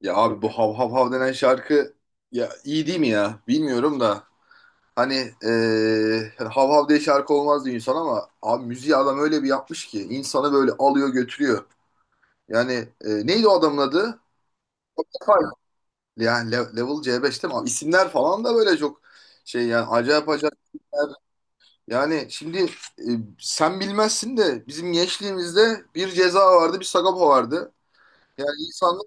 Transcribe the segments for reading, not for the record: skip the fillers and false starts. Ya abi bu hav hav hav denen şarkı ya iyi değil mi ya? Bilmiyorum da. Hani hani hav hav diye şarkı olmaz diyor insan ama abi müziği adam öyle bir yapmış ki insanı böyle alıyor götürüyor. Yani neydi o adamın adı? Fay. Yani Level c beş değil mi? Abi isimler falan da böyle çok şey yani acayip acayip isimler. Yani şimdi e, sen bilmezsin de bizim gençliğimizde bir Ceza vardı, bir Sagopa vardı. Yani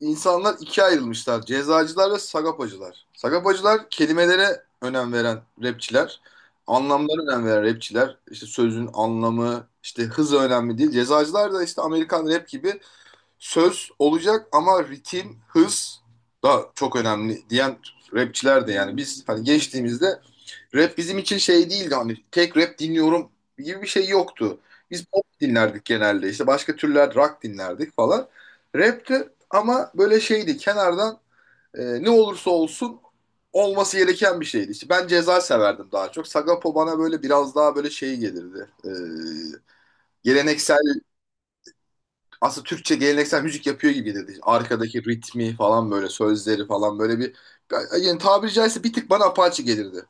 insanlar ikiye ayrılmışlar. Cezacılar ve sagapacılar. Sagapacılar kelimelere önem veren rapçiler. Anlamlara önem veren rapçiler. İşte sözün anlamı, işte hız önemli değil. Cezacılar da işte Amerikan rap gibi söz olacak ama ritim, hız da çok önemli diyen rapçiler de. Yani biz hani geçtiğimizde rap bizim için şey değildi, hani tek rap dinliyorum gibi bir şey yoktu. Biz pop dinlerdik genelde, işte başka türler rock dinlerdik falan. Rapti ama böyle şeydi, kenardan ne olursa olsun olması gereken bir şeydi. İşte ben ceza severdim daha çok. Sagapo bana böyle biraz daha böyle şey gelirdi. Geleneksel aslında Türkçe geleneksel müzik yapıyor gibi gelirdi. İşte arkadaki ritmi falan, böyle sözleri falan böyle bir, yani tabiri caizse bir tık bana apaçı gelirdi.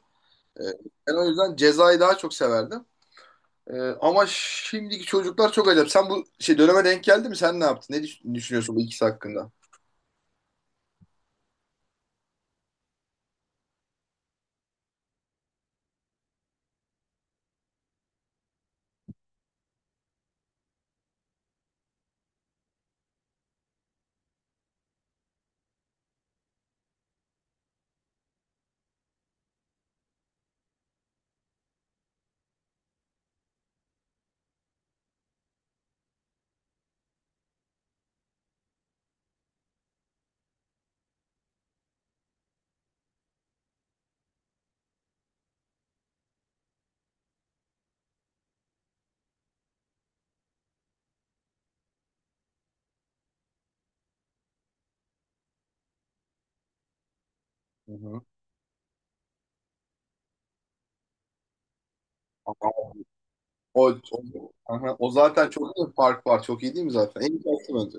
Ee, Ben o yüzden Ceza'yı daha çok severdim. Ee, Ama şimdiki çocuklar çok acayip. Sen bu şey döneme denk geldi mi? Sen ne yaptın? Düşünüyorsun bu ikisi hakkında? Hı hı. Ama o, o, aha, o zaten çok iyi bir fark var. Çok iyi değil mi zaten? En iyi şarkı bence.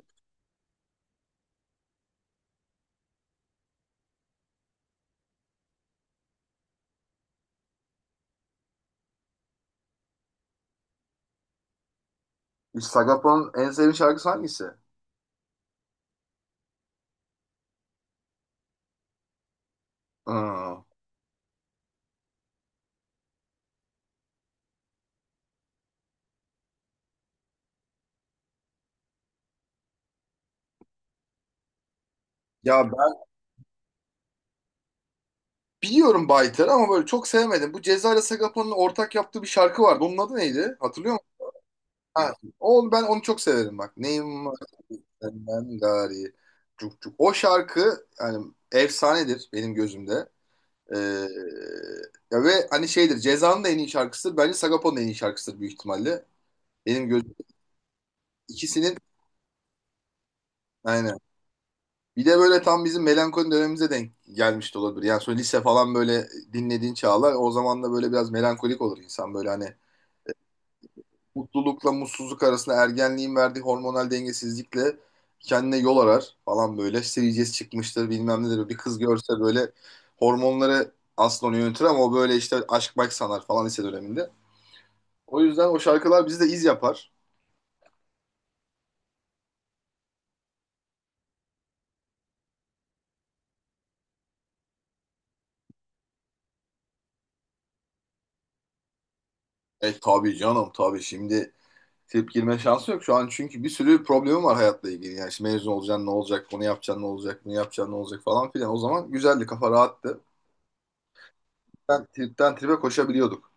Sagopa'nın en sevdiğin şarkısı hangisi? Aa. Ya ben biliyorum Baytar'ı ama böyle çok sevmedim. Bu Ceza ile Sagopa'nın ortak yaptığı bir şarkı vardı. Onun adı neydi? Hatırlıyor musun? Ha, o, ben onu çok severim bak. Neyim var senden gari. Cuk cuk. O şarkı yani efsanedir benim gözümde. Ee, Ya ve hani şeydir, Ceza'nın da en iyi şarkısıdır. Bence Sagapo'nun da en iyi şarkısıdır büyük ihtimalle. Benim gözüm ikisinin, aynen. Bir de böyle tam bizim melankoli dönemimize denk gelmiş de olabilir. Yani sonra lise falan böyle dinlediğin çağlar, o zaman da böyle biraz melankolik olur insan, böyle hani mutlulukla mutsuzluk arasında ergenliğin verdiği hormonal dengesizlikle kendine yol arar falan böyle. Seviyeceğiz çıkmıştır bilmem nedir. Bir kız görse böyle hormonları aslında onu yönetir ama o böyle işte aşk bak sanar falan lise döneminde. O yüzden o şarkılar bizi de iz yapar. E tabii canım, tabii. Şimdi trip girme şansı yok şu an çünkü bir sürü problemim var hayatla ilgili. Yani şimdi mezun olacaksın ne olacak, onu yapacaksın ne olacak, bunu yapacaksın ne olacak falan filan. O zaman güzeldi, kafa rahattı. Ben tripten trip'e koşabiliyorduk.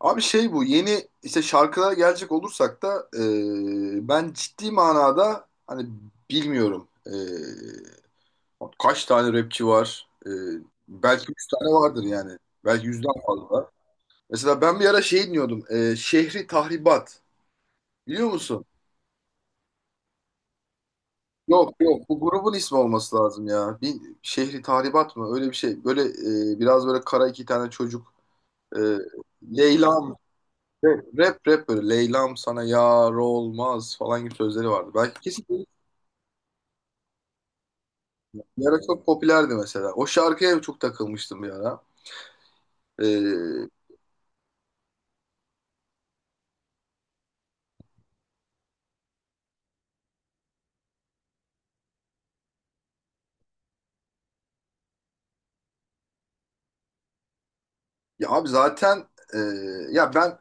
Abi şey, bu yeni işte şarkılara gelecek olursak da ben ciddi manada hani bilmiyorum. Kaç tane rapçi var? Belki 100 tane vardır yani. Belki yüzden fazla. Mesela ben bir ara şey dinliyordum. E, Şehri Tahribat. Biliyor musun? Yok yok, bu grubun ismi olması lazım ya. Bir Şehri Tahribat mı? Öyle bir şey. Böyle biraz böyle kara iki tane çocuk. E, Leyla, rap, rap, rap, böyle Leyla'm sana yar olmaz falan gibi sözleri vardı. Belki kesin bir ara çok popülerdi mesela. O şarkıya çok takılmıştım bir ara. Ee, Ya abi zaten e, ya ben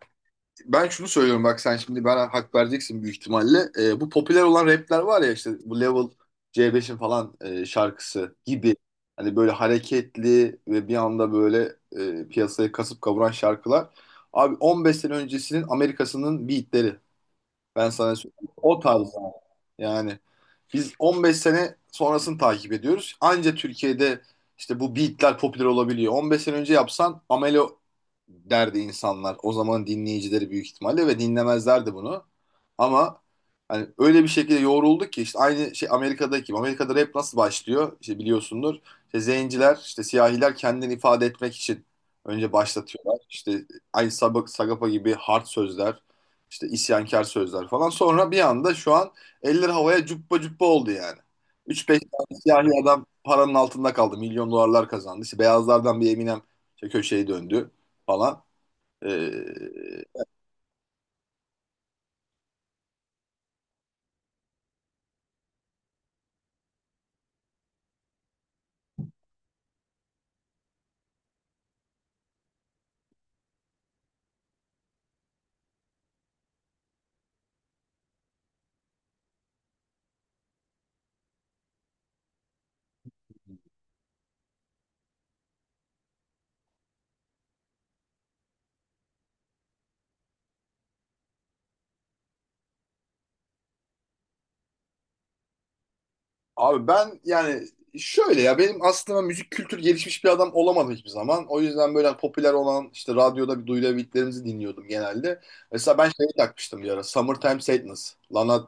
ben şunu söylüyorum bak, sen şimdi bana hak vereceksin büyük ihtimalle. Bu popüler olan rapler var ya, işte bu Level C5'in falan şarkısı gibi. Hani böyle hareketli ve bir anda böyle piyasayı kasıp kavuran şarkılar. Abi 15 sene öncesinin Amerika'sının beatleri. Ben sana söyleyeyim. O tarz abi. Yani biz 15 sene sonrasını takip ediyoruz. Anca Türkiye'de işte bu beatler popüler olabiliyor. 15 sene önce yapsan amelo derdi insanlar. O zaman dinleyicileri büyük ihtimalle ve dinlemezlerdi bunu. Ama hani öyle bir şekilde yoğrulduk ki işte aynı şey Amerika'daki gibi. Amerika'da rap nasıl başlıyor? İşte biliyorsundur. İşte zenciler, işte siyahiler kendini ifade etmek için önce başlatıyorlar. İşte aynı Sagapa gibi hard sözler, işte isyankar sözler falan. Sonra bir anda şu an eller havaya cuppa cuppa oldu yani. 3-5 tane siyahi adam paranın altında kaldı. Milyon dolarlar kazandı. İşte beyazlardan bir Eminem işte köşeyi döndü falan. Ee, Abi ben yani şöyle, ya benim aslında müzik kültür gelişmiş bir adam olamadım hiçbir zaman. O yüzden böyle popüler olan işte radyoda bir duyulabildiklerimizi dinliyordum genelde. Mesela ben şeyi takmıştım bir ara. Summertime Sadness. Lana.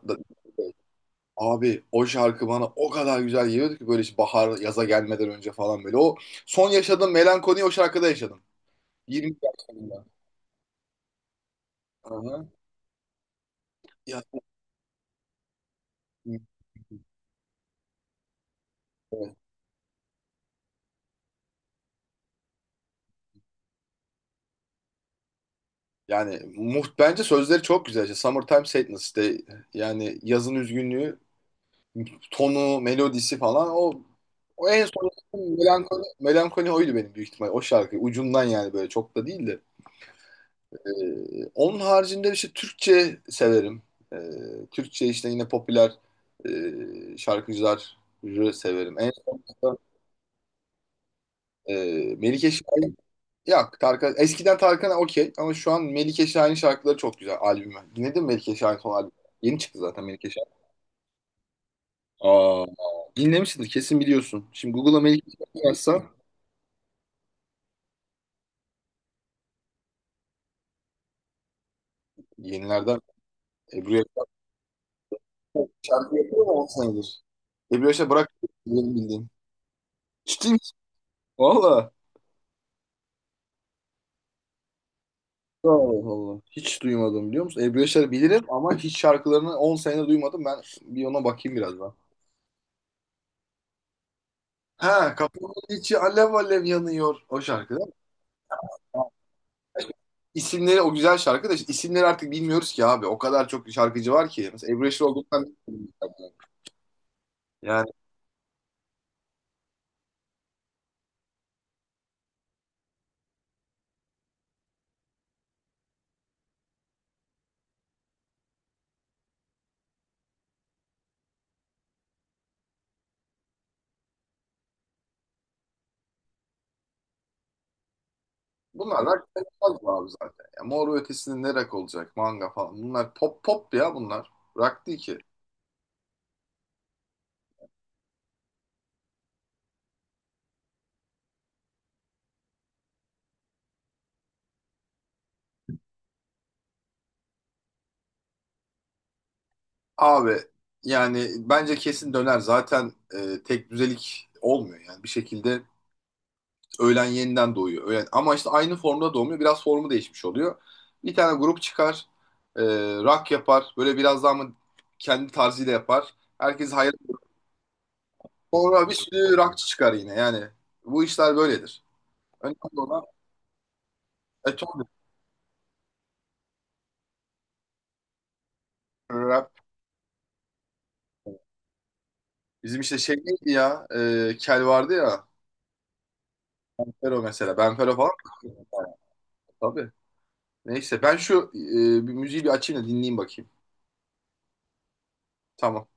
Abi o şarkı bana o kadar güzel geliyordu ki böyle işte bahar yaza gelmeden önce falan böyle. O son yaşadığım melankoliyi o şarkıda yaşadım. 20 yaşlarında. Aha. Ya, evet. Yani muht bence sözleri çok güzel. İşte Summertime Sadness, işte yani yazın üzgünlüğü, tonu, melodisi falan, o o en son melankoli, melankoli oydu benim büyük ihtimal. O şarkı ucundan yani, böyle çok da değil de. Onun haricinde işte Türkçe severim. Türkçe işte yine popüler şarkıcıları severim. En son da e, Melike Şahin. Yok. Tarkan, eskiden Tarkan okey ama şu an Melike Şahin şarkıları çok güzel, albümü. Dinledin mi Melike Şahin son albümü? Yeni çıktı zaten Melike Şahin. Aa, dinlemişsindir kesin, biliyorsun. Şimdi Google'a Melike Şahin yazsan yenilerden Ebru Yaşar. Şarkı yapıyor mu 10 senedir? Ebru Yaşar bırak benim bildiğim. Ciddi misin? Valla. Allah Allah. Hiç duymadım, biliyor musun? Ebru Yaşar'ı bilirim ama hiç şarkılarını 10 sene duymadım. Ben bir ona bakayım birazdan. Ha, kafamın içi alev alev yanıyor, o şarkı değil mi? Ha, İsimleri o güzel şarkı da, işte isimleri artık bilmiyoruz ki abi. O kadar çok şarkıcı var ki. Mesela Ebru Yaşar olduktan yani, bunlar rock sayılmaz mı abi zaten. Ya, Mor ve Ötesi'nin ne rock olacak? Manga falan. Bunlar pop pop ya bunlar. Rock değil ki. Abi yani bence kesin döner. Zaten tek düzelik olmuyor yani, bir şekilde öğlen yeniden doğuyor. Öğlen. Ama işte aynı formda doğmuyor. Biraz formu değişmiş oluyor. Bir tane grup çıkar. E, Rock yapar. Böyle biraz daha mı kendi tarzıyla yapar. Herkes hayran. Sonra bir sürü rockçı çıkar yine. Yani bu işler böyledir. Önemli olan eton rap. Bizim işte şey neydi ya? E, Kel vardı ya. Benfero mesela. Benfero falan. Tabii. Neyse ben şu bir müziği bir açayım da dinleyeyim bakayım. Tamam.